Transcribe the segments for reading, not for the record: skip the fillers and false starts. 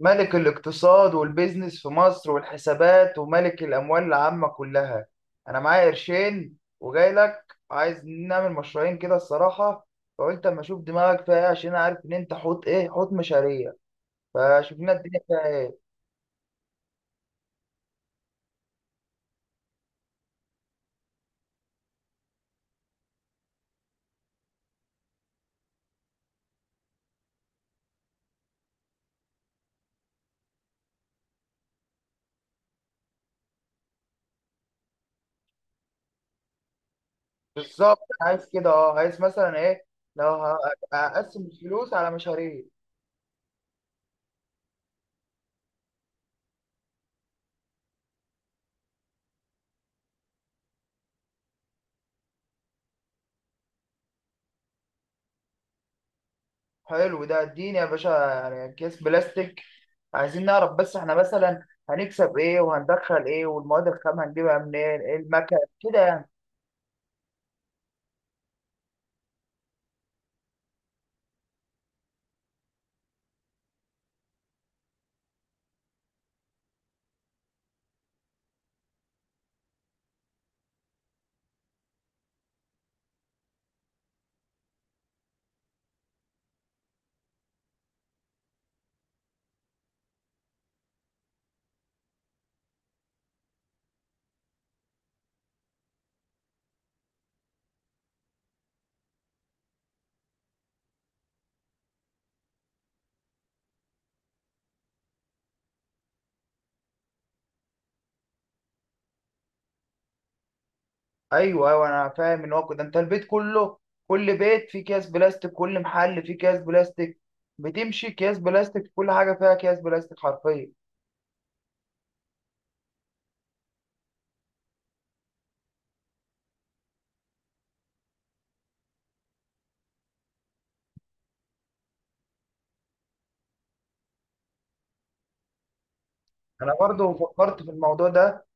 ملك الاقتصاد والبيزنس في مصر والحسابات وملك الأموال العامة كلها. أنا معايا قرشين وجاي لك عايز نعمل مشروعين كده الصراحة. فقلت أما أشوف دماغك فيها إيه عشان أعرف إن أنت حوت إيه حوت مشاريع. فشوف لنا الدنيا فيها إيه. بالظبط أنا عايز كده، عايز مثلا إيه. لو ه- هقسم الفلوس على مشاريع. حلو ده، اديني يا باشا، يعني أكياس بلاستيك عايزين نعرف بس احنا مثلا هنكسب ايه وهندخل ايه والمواد الخام هنجيبها منين. ايه المكن كده يعني. ايوه ايوه، انا فاهم ان هو كده انت البيت كله، كل بيت فيه اكياس بلاستيك، كل محل فيه اكياس بلاستيك، بتمشي اكياس بلاستيك، كل حاجه فيها اكياس بلاستيك حرفيا. انا برضو فكرت في الموضوع ده،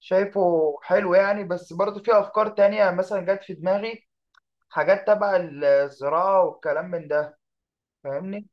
شايفه حلو يعني، بس برضو في افكار تانية مثلا جت في دماغي، حاجات تبع الزراعه والكلام من ده، فاهمني.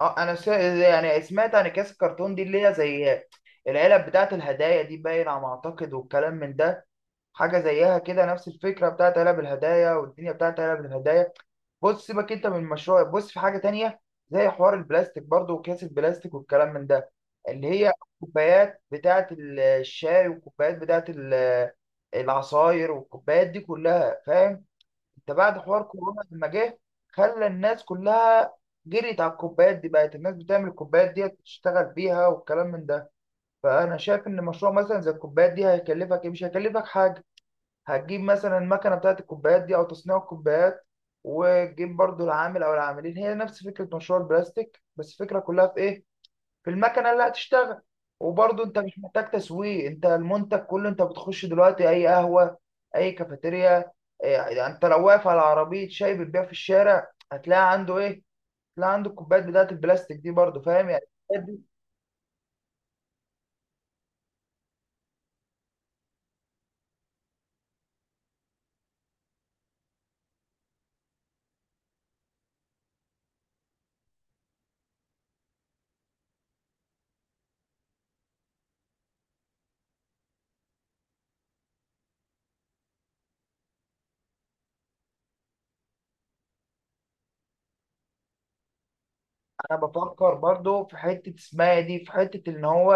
اه، انا يعني سمعت عن اكياس الكرتون دي، اللي هي زي العلب بتاعت الهدايا دي باين على ما اعتقد والكلام من ده، حاجه زيها كده، نفس الفكره بتاعت علب الهدايا والدنيا بتاعت علب الهدايا. بص، سيبك انت من المشروع، بص في حاجه تانية زي حوار البلاستيك برضو واكياس البلاستيك والكلام من ده، اللي هي الكوبايات بتاعت الشاي والكوبايات بتاعت العصاير والكوبايات دي كلها فاهم. ده بعد حوار كورونا لما جه، خلى الناس كلها جريت على الكوبايات دي، بقت الناس بتعمل الكوبايات دي تشتغل بيها والكلام من ده. فانا شايف ان مشروع مثلا زي الكوبايات دي هيكلفك إيه؟ مش هيكلفك حاجه. هتجيب مثلا المكنه بتاعت الكوبايات دي او تصنيع الكوبايات، وتجيب برضو العامل او العاملين، هي نفس فكره مشروع البلاستيك، بس الفكره كلها في ايه؟ في المكنه اللي هتشتغل. وبرضه انت مش محتاج تسويق، انت المنتج كله، انت بتخش دلوقتي اي قهوه، اي كافيتيريا. يعني انت لو واقف على عربيه شاي بتبيع في الشارع هتلاقي عنده ايه؟ هتلاقي عنده الكوبايات بتاعه البلاستيك دي برضه، فاهم يعني، الحاجات دي. انا بفكر برضه في حته اسمها دي، في حته ان هو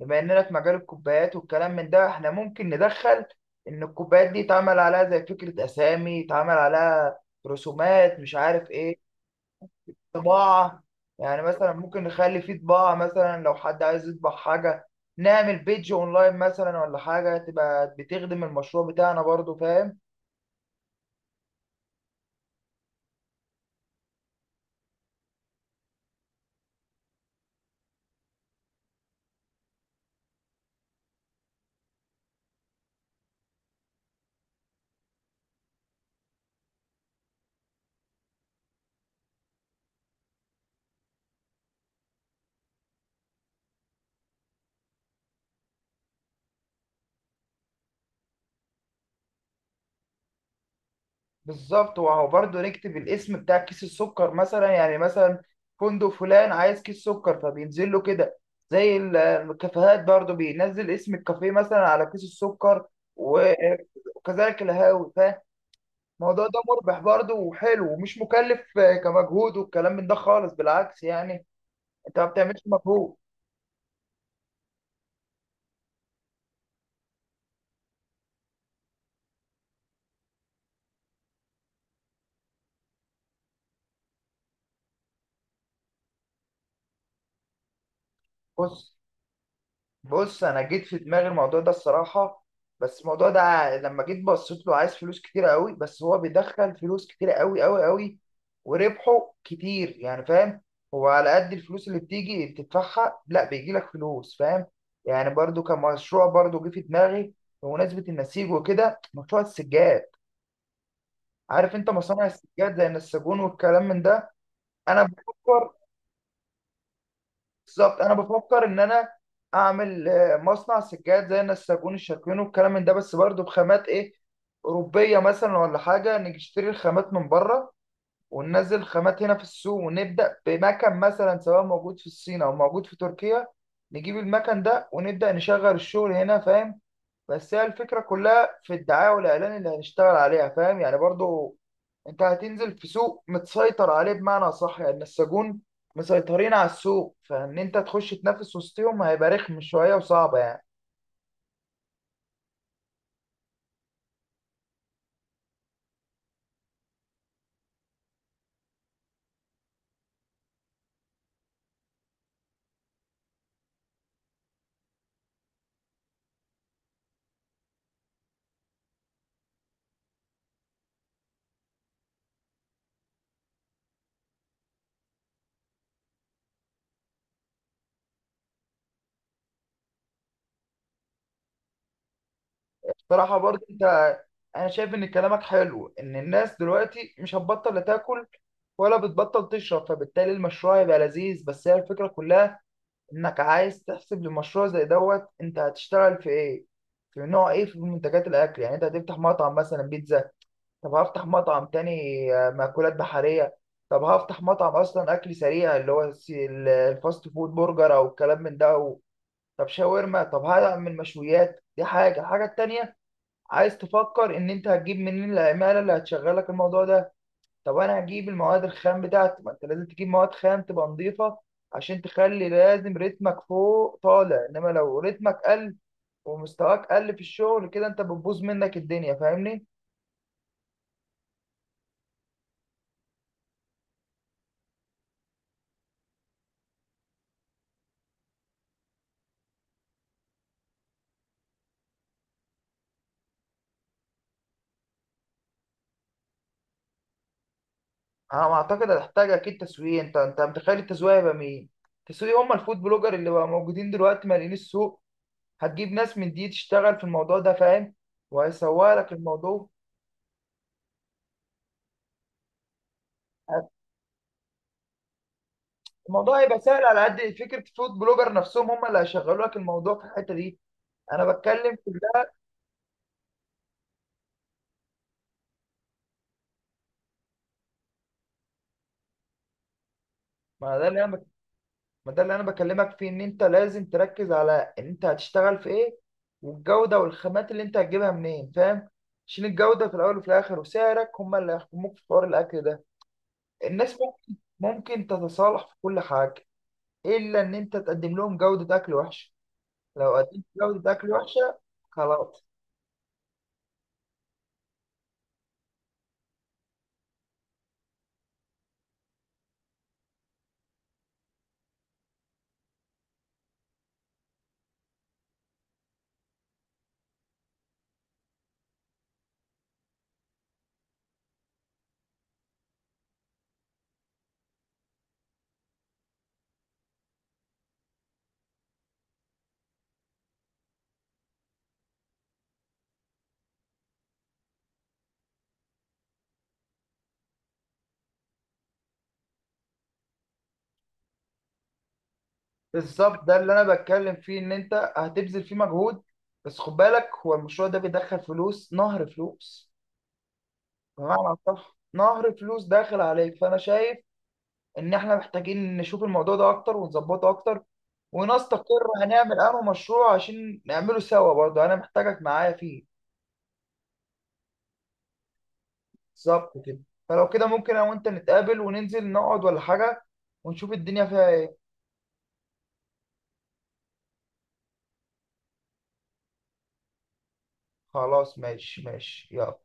بما اننا في مجال الكوبايات والكلام من ده، احنا ممكن ندخل ان الكوبايات دي يتعمل عليها زي فكره اسامي، يتعمل عليها رسومات، مش عارف ايه، طباعة. يعني مثلا ممكن نخلي فيه طباعة مثلا لو حد عايز يطبع حاجة، نعمل بيدج اونلاين مثلا، ولا حاجة تبقى بتخدم المشروع بتاعنا برضو، فاهم. بالظبط، وهو برضو نكتب الاسم بتاع كيس السكر مثلا، يعني مثلا فندق فلان عايز كيس سكر، فبينزل له كده. زي الكافيهات برضو، بينزل اسم الكافيه مثلا على كيس السكر، و- وكذلك القهاوي، فاهم. الموضوع ده مربح برضو وحلو ومش مكلف كمجهود والكلام من ده خالص، بالعكس يعني، انت ما بتعملش مجهود. بص بص، انا جيت في دماغي الموضوع ده الصراحه، بس الموضوع ده ع- لما جيت بصيت له عايز فلوس كتير قوي، بس هو بيدخل فلوس كتير قوي قوي قوي، وربحه كتير يعني فاهم. هو على قد الفلوس اللي بتيجي بتدفعها، لا بيجي لك فلوس فاهم. يعني برضو كمشروع برضو جه في دماغي، بمناسبة النسيج وكده، مشروع السجاد. عارف انت مصانع السجاد زي النساجون والكلام من ده. انا بفكر. بالظبط، انا بفكر ان انا اعمل مصنع سجاد زي نساجون الشاكوين والكلام من ده، بس برضه بخامات ايه، اوروبيه مثلا، ولا حاجه نشتري الخامات من بره، وننزل الخامات هنا في السوق، ونبدا بمكن مثلا سواء موجود في الصين او موجود في تركيا، نجيب المكن ده ونبدا نشغل الشغل هنا فاهم. بس هي الفكرة كلها في الدعاية والإعلان اللي هنشتغل عليها، فاهم يعني، برضو أنت هتنزل في سوق متسيطر عليه، بمعنى صح يعني، السجون مسيطرين على السوق، فإن أنت تخش تنافس وسطهم هيبقى رخم شوية وصعبة يعني. بصراحة برضو أنت، أنا شايف إن كلامك حلو، إن الناس دلوقتي مش هتبطل لا تاكل ولا بتبطل تشرب، فبالتالي المشروع هيبقى لذيذ، بس هي الفكرة كلها انك عايز تحسب لمشروع زي دوت، انت هتشتغل في ايه، في نوع ايه، في منتجات الاكل، يعني انت هتفتح مطعم مثلا بيتزا، طب هفتح مطعم تاني مأكولات بحرية، طب هفتح مطعم اصلا اكل سريع اللي هو الفاست فود، برجر او الكلام من ده طب شاورما، طب هعمل مشويات، دي حاجة. الحاجة التانية، عايز تفكر ان انت هتجيب منين العمالة اللي هتشغلك الموضوع ده. طب انا هجيب المواد الخام بتاعتي، ما انت لازم تجيب مواد خام تبقى نظيفه عشان تخلي، لازم رتمك فوق طالع، انما لو رتمك قل ومستواك قل في الشغل كده، انت بتبوظ منك الدنيا فاهمني. انا اعتقد هتحتاج اكيد تسويق. انت متخيل التسويق هيبقى مين؟ التسويق هم الفود بلوجر اللي بقى موجودين دلوقتي مالين السوق، هتجيب ناس من دي تشتغل في الموضوع ده فاهم، وهيسوق لك الموضوع. الموضوع هيبقى سهل، على قد فكره فود بلوجر نفسهم هم اللي هيشغلوا لك الموضوع في الحته دي. انا بتكلم في، ما ده اللي انا بك... ما ده اللي انا بكلمك فيه ان انت لازم تركز على ان انت هتشتغل في ايه، والجودة والخامات اللي انت هتجيبها منين، فاهم، عشان الجودة في الاول وفي الاخر وسعرك هما اللي هيحكموك في حوار الاكل ده. الناس ممكن تتصالح في كل حاجة الا ان انت تقدم لهم جودة اكل وحشة. لو قدمت جودة اكل وحشة، خلاص. بالظبط، ده اللي انا بتكلم فيه، ان انت هتبذل فيه مجهود. بس خد بالك، هو المشروع ده بيدخل فلوس، نهر فلوس. غلط، صح، نهر فلوس داخل عليك. فانا شايف ان احنا محتاجين نشوف الموضوع ده اكتر ونظبطه اكتر ونستقر هنعمل انه مشروع، عشان نعمله سوا، برضه انا محتاجك معايا فيه. بالظبط كده. فلو كده، ممكن انا وانت نتقابل وننزل نقعد ولا حاجة ونشوف الدنيا فيها ايه. خلاص، ماشي ماشي، يلا.